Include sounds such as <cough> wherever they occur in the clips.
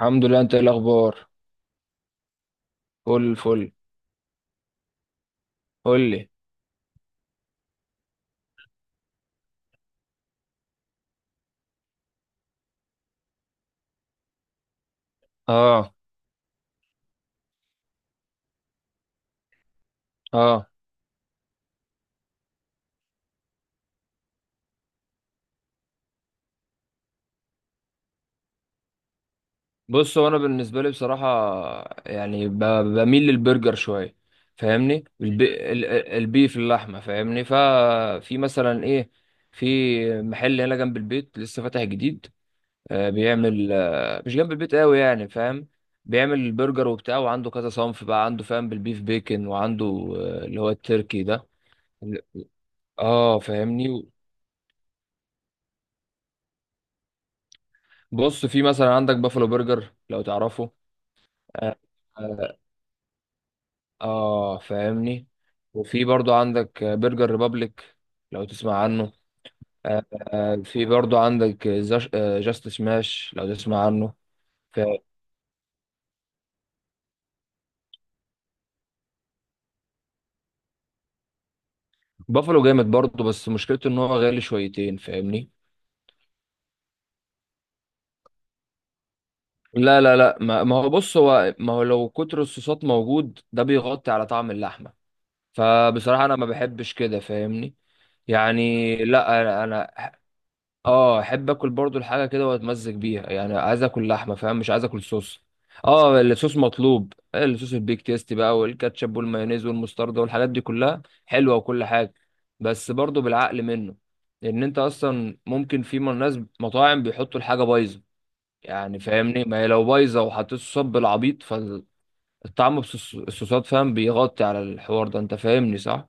الحمد لله، انت ايه الاخبار؟ فل الفل. قول لي. اه. اه. بص، هو انا بالنسبه لي بصراحه يعني بميل للبرجر شويه، فاهمني؟ البيف، اللحمه، فاهمني؟ ففي مثلا ايه. في محل هنا جنب البيت لسه فاتح جديد. بيعمل، مش جنب البيت قوي يعني فاهم. بيعمل البرجر وبتاع، وعنده كذا صنف بقى، عنده فاهم؟ بالبيف بيكن، وعنده اللي هو التركي ده. اه، فاهمني. بص، في مثلا عندك بافلو برجر، لو تعرفه. اه، آه، آه، فاهمني. وفي برضو عندك برجر ريبابليك، لو تسمع عنه. آه، آه، في برضو عندك جاست سماش، لو تسمع عنه. ف- بافلو جامد برضو، بس مشكلته ان هو غالي شويتين، فاهمني. لا لا لا، ما هو، بص، هو ما هو لو كتر الصوصات موجود، ده بيغطي على طعم اللحمة. فبصراحة انا ما بحبش كده، فاهمني؟ يعني لا، انا أنا اه احب اكل برضو الحاجه كده واتمزج بيها، يعني عايز اكل لحمه فاهم، مش عايز اكل صوص. اه، الصوص مطلوب، الصوص البيك تيست بقى، والكاتشب والمايونيز والمستردة والحاجات دي كلها حلوه وكل حاجه. بس برضو بالعقل منه، لان انت اصلا ممكن في من ناس مطاعم بيحطوا الحاجه بايظه، يعني فاهمني، ما هي لو بايظه وحطيت صوصات بالعبيط، فالطعم، الصوصات فاهم، بيغطي على الحوار ده، انت فاهمني صح؟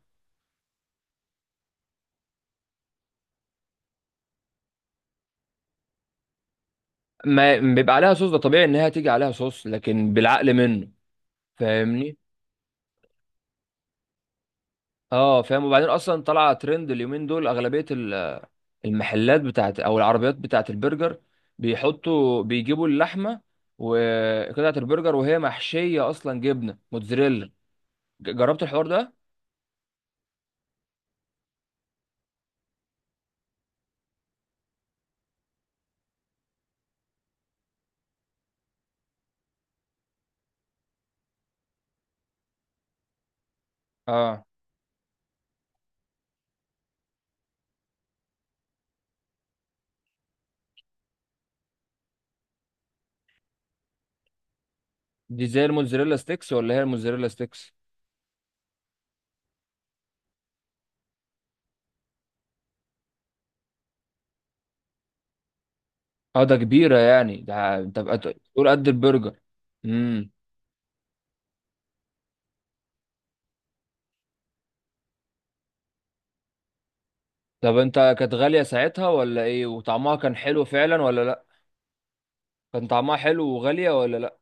ما بيبقى عليها صوص، ده طبيعي ان هي تيجي عليها صوص، لكن بالعقل منه، فاهمني. اه، فاهم. وبعدين اصلا طلع ترند اليومين دول، اغلبيه المحلات بتاعت او العربيات بتاعت البرجر، بيحطوا، بيجيبوا اللحمه وقطعه البرجر وهي محشيه اصلا جبنه موتزاريلا. جربت الحوار ده؟ اه. دي زي الموتزاريلا ستيكس ولا هي الموتزاريلا ستيكس؟ اه، ده كبيره، يعني ده تبقى تقول قد البرجر؟ امم. طب انت، كانت غاليه ساعتها ولا ايه، وطعمها كان حلو فعلا ولا لا؟ كان طعمها حلو وغاليه ولا لا؟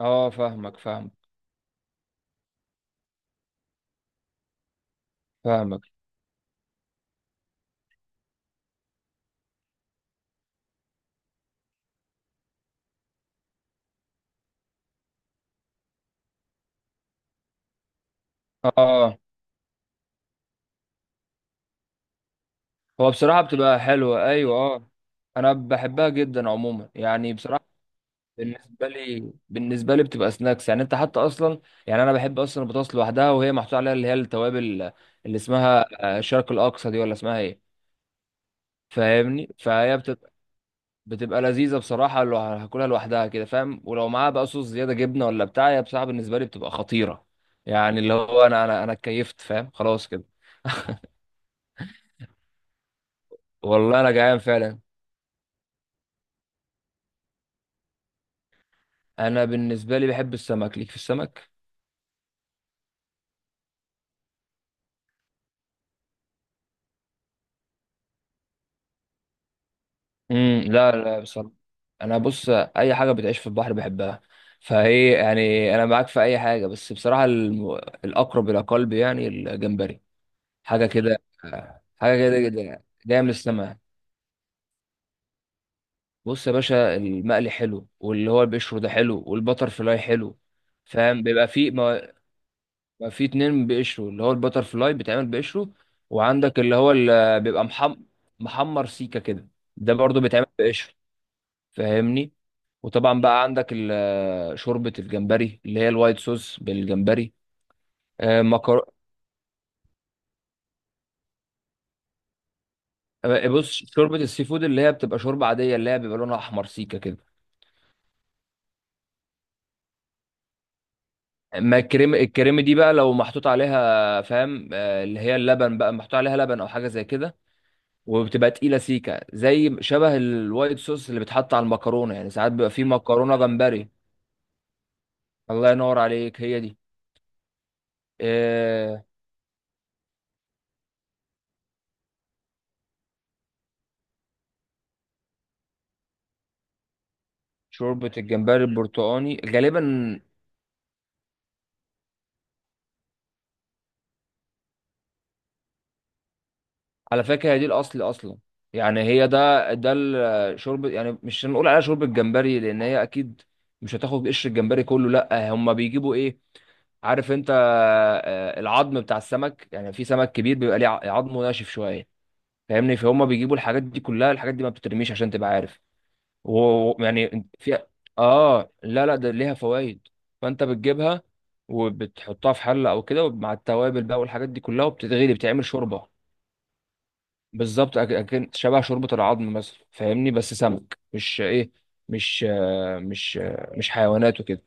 اه، فاهمك فاهمك فاهمك. اه، هو بصراحة بتبقى حلوة، أيوة أه. أنا بحبها جدا عموما، يعني بصراحة. بالنسبة لي بتبقى سناكس، يعني أنت حتى أصلا. يعني أنا بحب أصلا البطاطس لوحدها وهي محطوط عليها اللي هي التوابل، اللي اسمها الشرق الأقصى، دي ولا اسمها إيه؟ فاهمني؟ فهي بتبقى لذيذة بصراحة، لو هاكلها لوحدها كده فاهم، ولو معاها بقى صوص زيادة جبنة ولا بتاع، هي بصراحة بالنسبة لي بتبقى خطيرة، يعني اللي هو أنا اتكيفت فاهم، خلاص كده. والله أنا جعان فعلا. أنا بالنسبة لي بحب السمك، ليك في السمك. امم، لا لا، بصراحه انا، بص، اي حاجه بتعيش في البحر بحبها، فهي يعني، انا معاك في اي حاجه، بس بصراحه الاقرب الى قلبي يعني الجمبري. حاجه كده. حاجه كده جدا، جايه من السماء. بص يا باشا، المقلي حلو، واللي هو بيشوي ده حلو، والبتر فلاي حلو. فاهم، بيبقى في ما, ما في اتنين بيقشروا، اللي هو البتر فلاي بيتعمل بقشره، وعندك اللي هو اللي بيبقى محمر سيكه كده، ده برضو بيتعمل بقشره، فاهمني. وطبعا بقى عندك شوربة الجمبري اللي هي الوايت صوص بالجمبري. آه، مكر... آه، بص، شوربة السي فود اللي هي بتبقى شوربة عادية، اللي هي بيبقى لونها أحمر سيكة كده. ما الكريم دي بقى لو محطوط عليها فاهم، اللي هي اللبن بقى، محطوط عليها لبن أو حاجة زي كده، وبتبقى تقيلة سيكة زي شبه الوايت صوص اللي بيتحط على المكرونة، يعني ساعات بيبقى فيه مكرونة جمبري. الله ينور عليك، هي دي. آه، شوربة الجمبري البرتقاني غالبا. على فكرة هي دي الأصل أصلا، يعني هي ده الشرب، يعني مش هنقول عليها شرب الجمبري، لأن هي أكيد مش هتاخد قشر الجمبري كله، لأ، هما بيجيبوا إيه، عارف أنت، العظم بتاع السمك. يعني في سمك كبير بيبقى ليه عظمه ناشف شوية، فاهمني. فهم بيجيبوا الحاجات دي كلها، الحاجات دي ما بتترميش، عشان تبقى عارف. ويعني في، آه، لا لا، ده ليها فوائد، فأنت بتجيبها وبتحطها في حلة أو كده مع التوابل بقى والحاجات دي كلها، وبتتغلي، بتعمل شوربة. بالظبط، اكن شبه شوربه العظم مثلا، فاهمني، بس سمك، مش ايه، مش مش مش حيوانات وكده.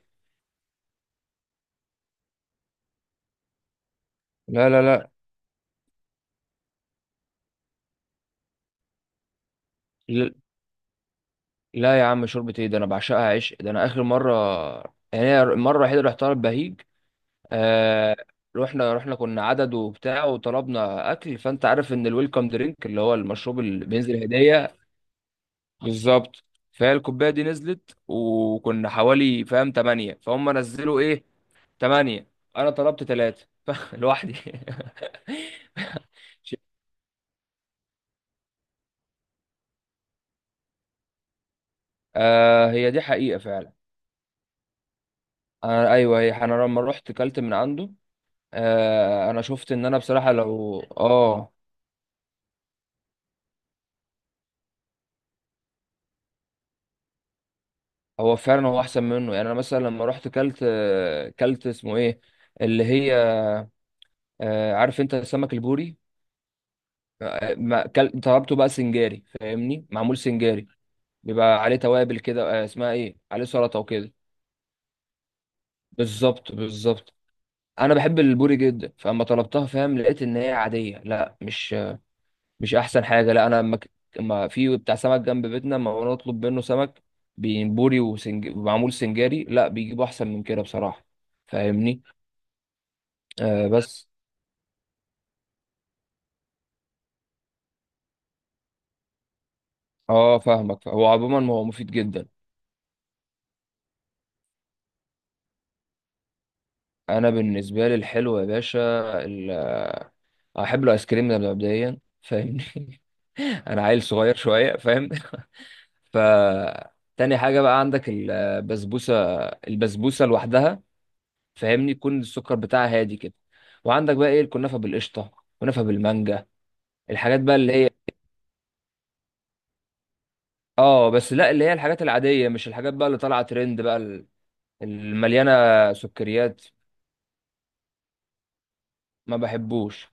لا لا لا، ل- لا يا عم، شوربه ايه ده؟ انا بعشقها عشق. ده انا اخر مره، يعني أنا المره الوحيده اللي رحتها البهيج. آه. رحنا كنا عدد وبتاع، وطلبنا اكل، فانت عارف ان الويلكم درينك اللي هو المشروب اللي بينزل هديه. بالظبط. فهي الكوبايه دي نزلت وكنا حوالي، فاهم، 8، فهم نزلوا ايه، تمانية. أنا طلبت تلاتة <laughs> لوحدي <laughs> آه، هي دي حقيقة فعلا. أنا، أيوه، هي أنا لما رحت كلت من عنده، آه أنا شفت إن أنا بصراحة لو آه، هو فعلا هو أحسن منه، يعني أنا مثلا لما رحت كلت كلت اسمه إيه، اللي هي، آه، عارف أنت السمك البوري. آه، ما كل... طلبته بقى سنجاري، فاهمني، معمول سنجاري، بيبقى عليه توابل كده، آه اسمها إيه، عليه سلطة وكده. بالظبط، بالظبط. انا بحب البوري جدا، فاما طلبتها فاهم، لقيت ان هي عاديه، لا، مش احسن حاجه. لا انا، اما اما في بتاع سمك جنب بيتنا، اما انا اطلب منه سمك بوري ومعمول سنجاري، لا، بيجيبوا احسن من كده بصراحه، فاهمني. آه بس. اه، فاهمك، هو عموما هو مفيد جدا. انا بالنسبه لي الحلو يا باشا ال... آه، احب الايس كريم ده مبدئيا، فاهمني. <laughs> انا عيل صغير شويه فاهم. ف تاني حاجة بقى عندك البسبوسة، البسبوسة لوحدها، فاهمني، يكون السكر بتاعها هادي كده. وعندك بقى ايه، الكنافة بالقشطة، كنافة بالمانجا، الحاجات بقى اللي هي، اه بس لا، اللي هي الحاجات العادية، مش الحاجات بقى اللي طالعة ترند بقى المليانة سكريات، ما بحبوش.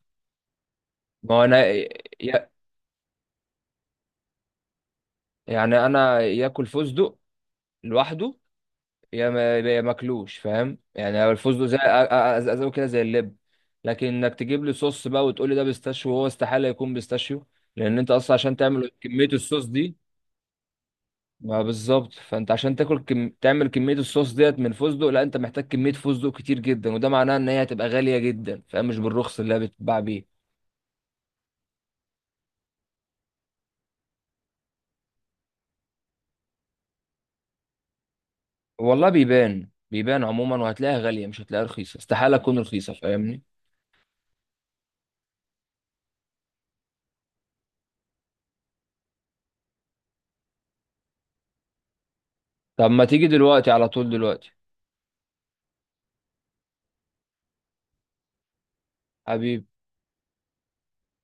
ما هو انا يعني انا، ياكل فستق لوحده يا ما، يا ماكلوش فاهم، يعني الفستق زي ازازه كده، زي اللب. لكن انك تجيب لي صوص بقى وتقول لي ده بيستاشيو، وهو استحاله يكون بيستاشيو، لان انت اصلا عشان تعمل كميه الصوص دي. ما بالظبط، فانت عشان تعمل كميه الصوص ديت من فستق، لا، انت محتاج كميه فستق كتير جدا، وده معناه ان هي هتبقى غاليه جدا فاهم، مش بالرخص اللي هي بتتباع بيه. والله بيبان عموما، وهتلاقيها غاليه، مش هتلاقيها رخيصه، استحاله تكون رخيصه، فاهمني. طب ما تيجي دلوقتي على طول دلوقتي. حبيبي.